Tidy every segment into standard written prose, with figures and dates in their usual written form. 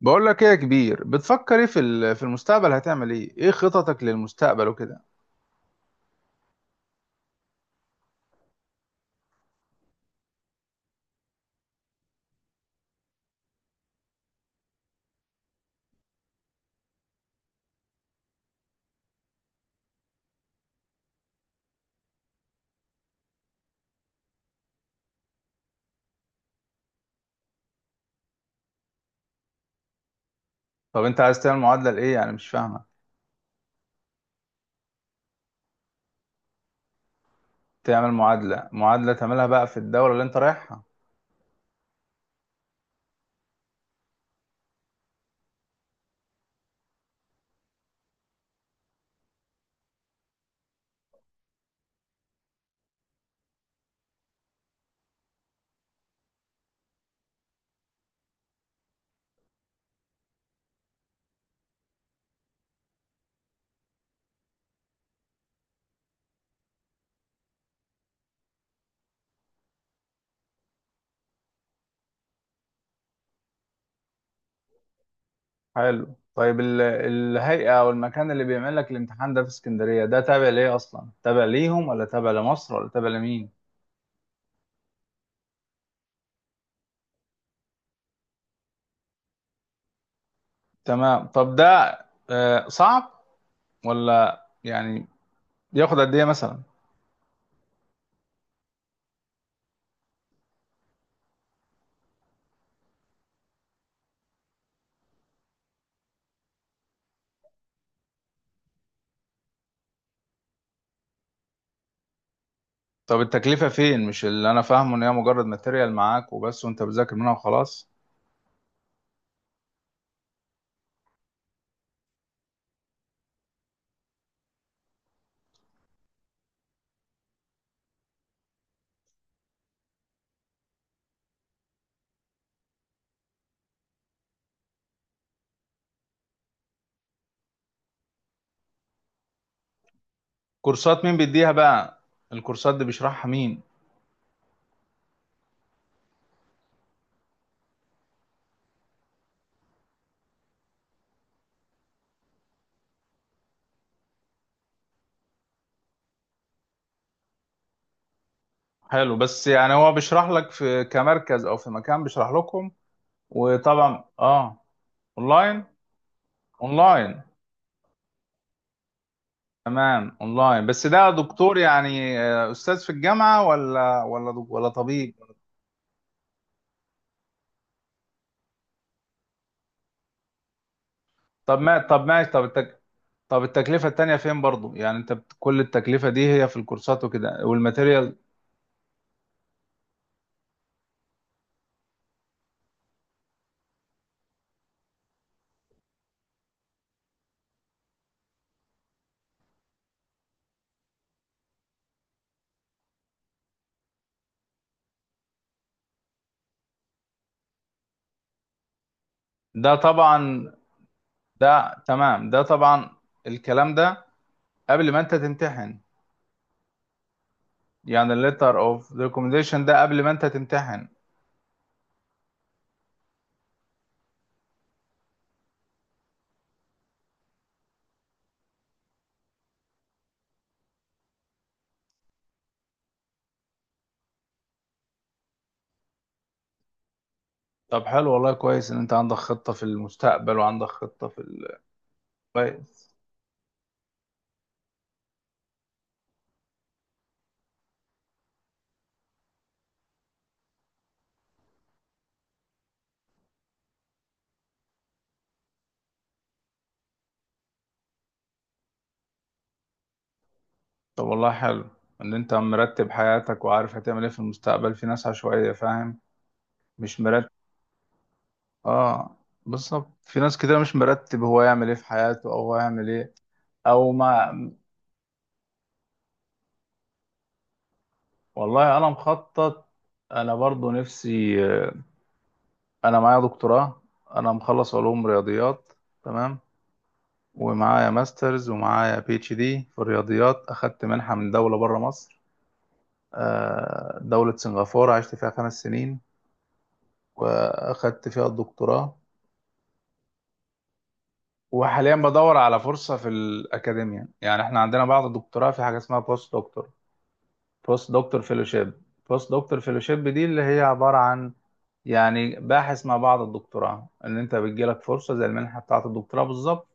بقول لك ايه يا كبير، بتفكر ايه في المستقبل؟ هتعمل ايه؟ ايه خططك للمستقبل وكده؟ طب انت عايز تعمل معادلة لايه؟ يعني مش فاهمة. تعمل معادلة، تعملها بقى في الدولة اللي انت رايحها؟ حلو. طيب الهيئة او المكان اللي بيعمل لك الامتحان ده في اسكندرية، ده تابع ليه اصلا؟ تابع ليهم، ولا تابع لمصر، ولا تابع لمين؟ تمام، طب ده صعب ولا يعني، ياخد قد ايه مثلا؟ طب التكلفة فين؟ مش اللي انا فاهمه ان هي مجرد ماتيريال معاك وبس، وانت بتذاكر منها وخلاص؟ كورسات مين بيديها بقى؟ الكورسات دي بيشرحها مين؟ حلو، بس يعني هو بيشرح لك في كمركز او في مكان بيشرح لكم؟ وطبعا، اه. اونلاين؟ اونلاين. تمام، اونلاين، بس ده دكتور يعني استاذ في الجامعه، ولا طبيب؟ طب ما طب ماشي. طب التكلفه التانيه فين برضو؟ يعني كل التكلفه دي هي في الكورسات وكده والماتيريال؟ ده طبعا. ده تمام، ده طبعا. الكلام ده قبل ما انت تمتحن؟ يعني letter of recommendation ده قبل ما انت تمتحن؟ طب حلو، والله كويس ان انت عندك خطة في المستقبل، وعندك خطة. كويس. طب والله حلو ان انت مرتب حياتك، وعارف هتعمل ايه في المستقبل. في ناس عشوائية، فاهم؟ مش مرتب. اه، بالظبط، في ناس كده مش مرتب، هو يعمل ايه في حياته، او هو يعمل ايه او ما والله انا مخطط. انا برضو نفسي. انا معايا دكتوراه. انا مخلص علوم رياضيات. تمام. ومعايا ماسترز، ومعايا PhD في الرياضيات. أخدت منحة من دولة بره مصر، دولة سنغافورة، عشت فيها 5 سنين، وأخدت فيها الدكتوراه. وحاليا بدور على فرصة في الأكاديمية، يعني إحنا عندنا بعد الدكتوراه في حاجة اسمها بوست دكتور. بوست دكتور فيلوشيب. بوست دكتور فيلوشيب دي اللي هي عبارة عن يعني باحث مع بعض الدكتوراه، إن أنت بتجيلك فرصة زي المنحة بتاعة الدكتوراه بالظبط.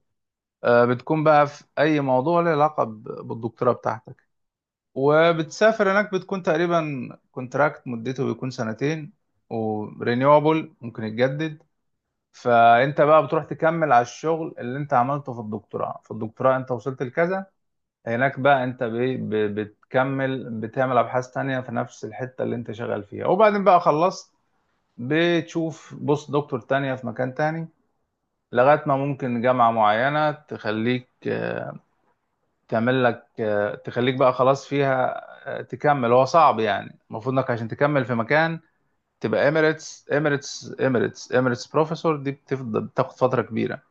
بتكون بقى في أي موضوع له علاقة بالدكتوراه بتاعتك. وبتسافر هناك، بتكون تقريبا كونتراكت مدته بيكون سنتين. ورينيوبل، ممكن يتجدد. فانت بقى بتروح تكمل على الشغل اللي انت عملته في الدكتوراه انت وصلت لكذا، هناك بقى انت بتكمل، بتعمل ابحاث تانية في نفس الحتة اللي انت شغال فيها، وبعدين بقى خلصت بتشوف بص دكتور تانية في مكان تاني، لغاية ما ممكن جامعة معينة تخليك آه، تعمل لك، تخليك بقى خلاص فيها، تكمل. هو صعب، يعني المفروض انك عشان تكمل في مكان تبقى اميريتس بروفيسور. دي بتفضل بتاخد فترة كبيرة،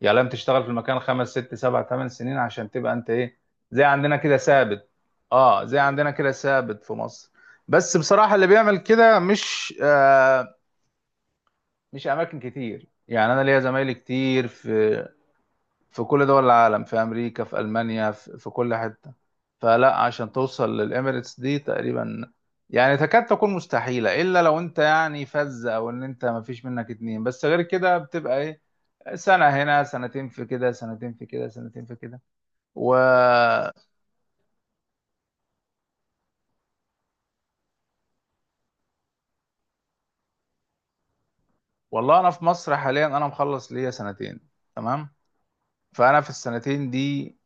يعني لازم تشتغل في المكان 5 6 7 8 سنين عشان تبقى انت ايه، زي عندنا كده ثابت. اه، زي عندنا كده ثابت في مصر. بس بصراحة اللي بيعمل كده مش. مش اماكن كتير، يعني انا ليا زمايلي كتير في في كل دول العالم، في امريكا، في المانيا، في كل حته. فلا، عشان توصل للاميريتس دي تقريبا، يعني تكاد تكون مستحيله، الا لو انت يعني فز، او ان انت ما فيش منك اتنين. بس غير كده بتبقى ايه، سنه هنا، سنتين في كده، سنتين في كده، سنتين في كده. و والله انا في مصر حاليا انا مخلص ليا سنتين. تمام. فانا في السنتين دي،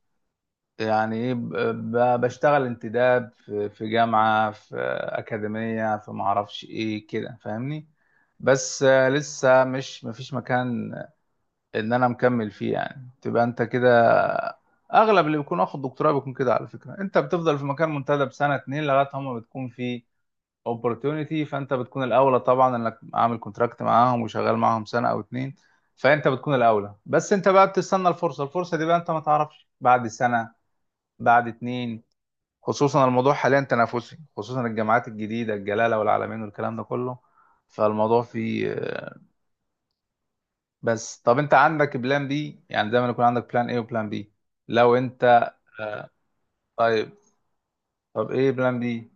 يعني ايه، بشتغل انتداب في جامعة، في أكاديمية، في معرفش ايه كده، فاهمني؟ بس لسه مش مفيش مكان ان انا مكمل فيه. يعني تبقى انت كده، اغلب اللي بيكون واخد دكتوراه بيكون كده. على فكرة، انت بتفضل في مكان منتدب سنة اتنين لغاية هما بتكون في opportunity، فانت بتكون الاولى طبعا، انك عامل كونتراكت معاهم وشغال معاهم سنة او اتنين. فانت بتكون الاولى، بس انت بقى بتستنى الفرصة دي بقى انت ما تعرفش بعد سنة، بعد اتنين. خصوصا الموضوع حاليا تنافسي، خصوصا الجامعات الجديدة، الجلالة والعلمين والكلام ده كله، فالموضوع فيه. بس طب انت عندك بلان بي؟ يعني دايما يكون عندك بلان ايه وبلان بي. لو انت. طيب. طب ايه بلان بي؟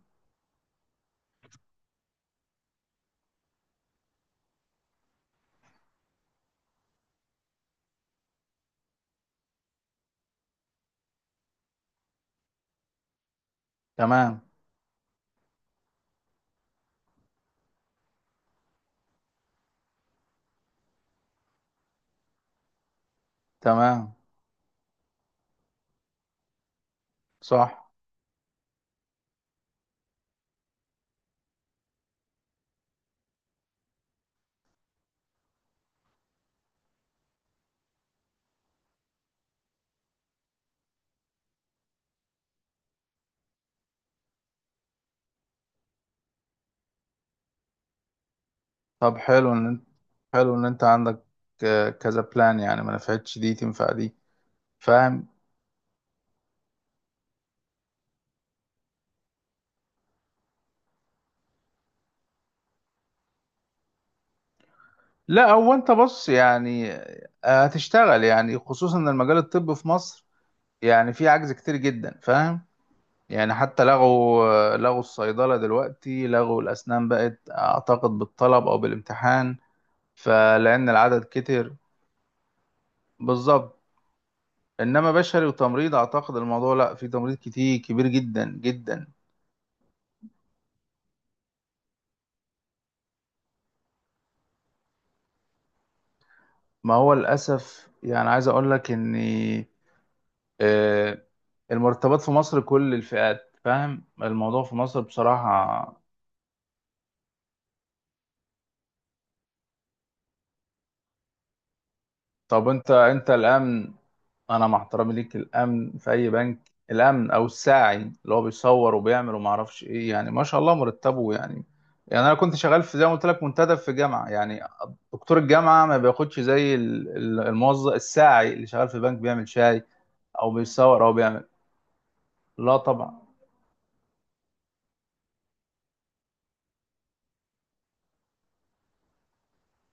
تمام. تمام. صح. طب حلو ان انت. حلو ان انت عندك كذا بلان، يعني ما نفعتش دي تنفع دي. فاهم؟ لا، هو انت بص، يعني هتشتغل، يعني خصوصا ان المجال الطبي في مصر يعني فيه عجز كتير جدا، فاهم؟ يعني حتى لغوا الصيدلة دلوقتي، لغوا الأسنان، بقت أعتقد بالطلب أو بالامتحان، فلأن العدد كتر. بالظبط. إنما بشري وتمريض، أعتقد الموضوع لأ، في تمريض كتير كبير جدا جدا. ما هو للأسف، يعني عايز أقول لك إن آه، المرتبات في مصر، كل الفئات، فاهم الموضوع في مصر بصراحة. طب أنت الآن، انا مع احترامي ليك، الامن في اي بنك، الامن او الساعي اللي هو بيصور وبيعمل وما اعرفش ايه، يعني ما شاء الله مرتبه، يعني. يعني انا كنت شغال في، زي ما قلت لك، منتدب في جامعه، يعني دكتور الجامعه ما بياخدش زي الموظف الساعي اللي شغال في بنك بيعمل شاي او بيصور او بيعمل. لا طبعا.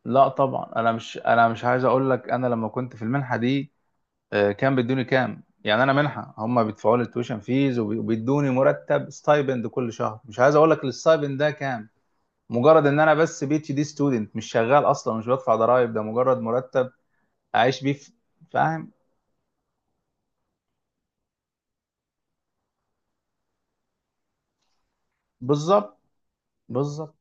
لا طبعا، انا مش عايز اقول لك، انا لما كنت في المنحه دي كان بيدوني كام. يعني انا منحه، هم بيدفعوا لي التويشن فيز، وبيدوني مرتب ستايبند كل شهر. مش عايز اقول لك الستايبند ده كام. مجرد ان انا بس PhD ستودنت، مش شغال اصلا، مش بدفع ضرائب، ده مجرد مرتب اعيش بيه. فاهم؟ بالظبط. بالظبط.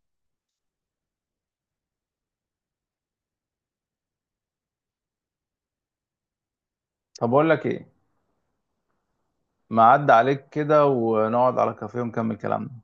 طب اقول لك ايه، ما عدى عليك كده ونقعد على كافيه ونكمل كلامنا.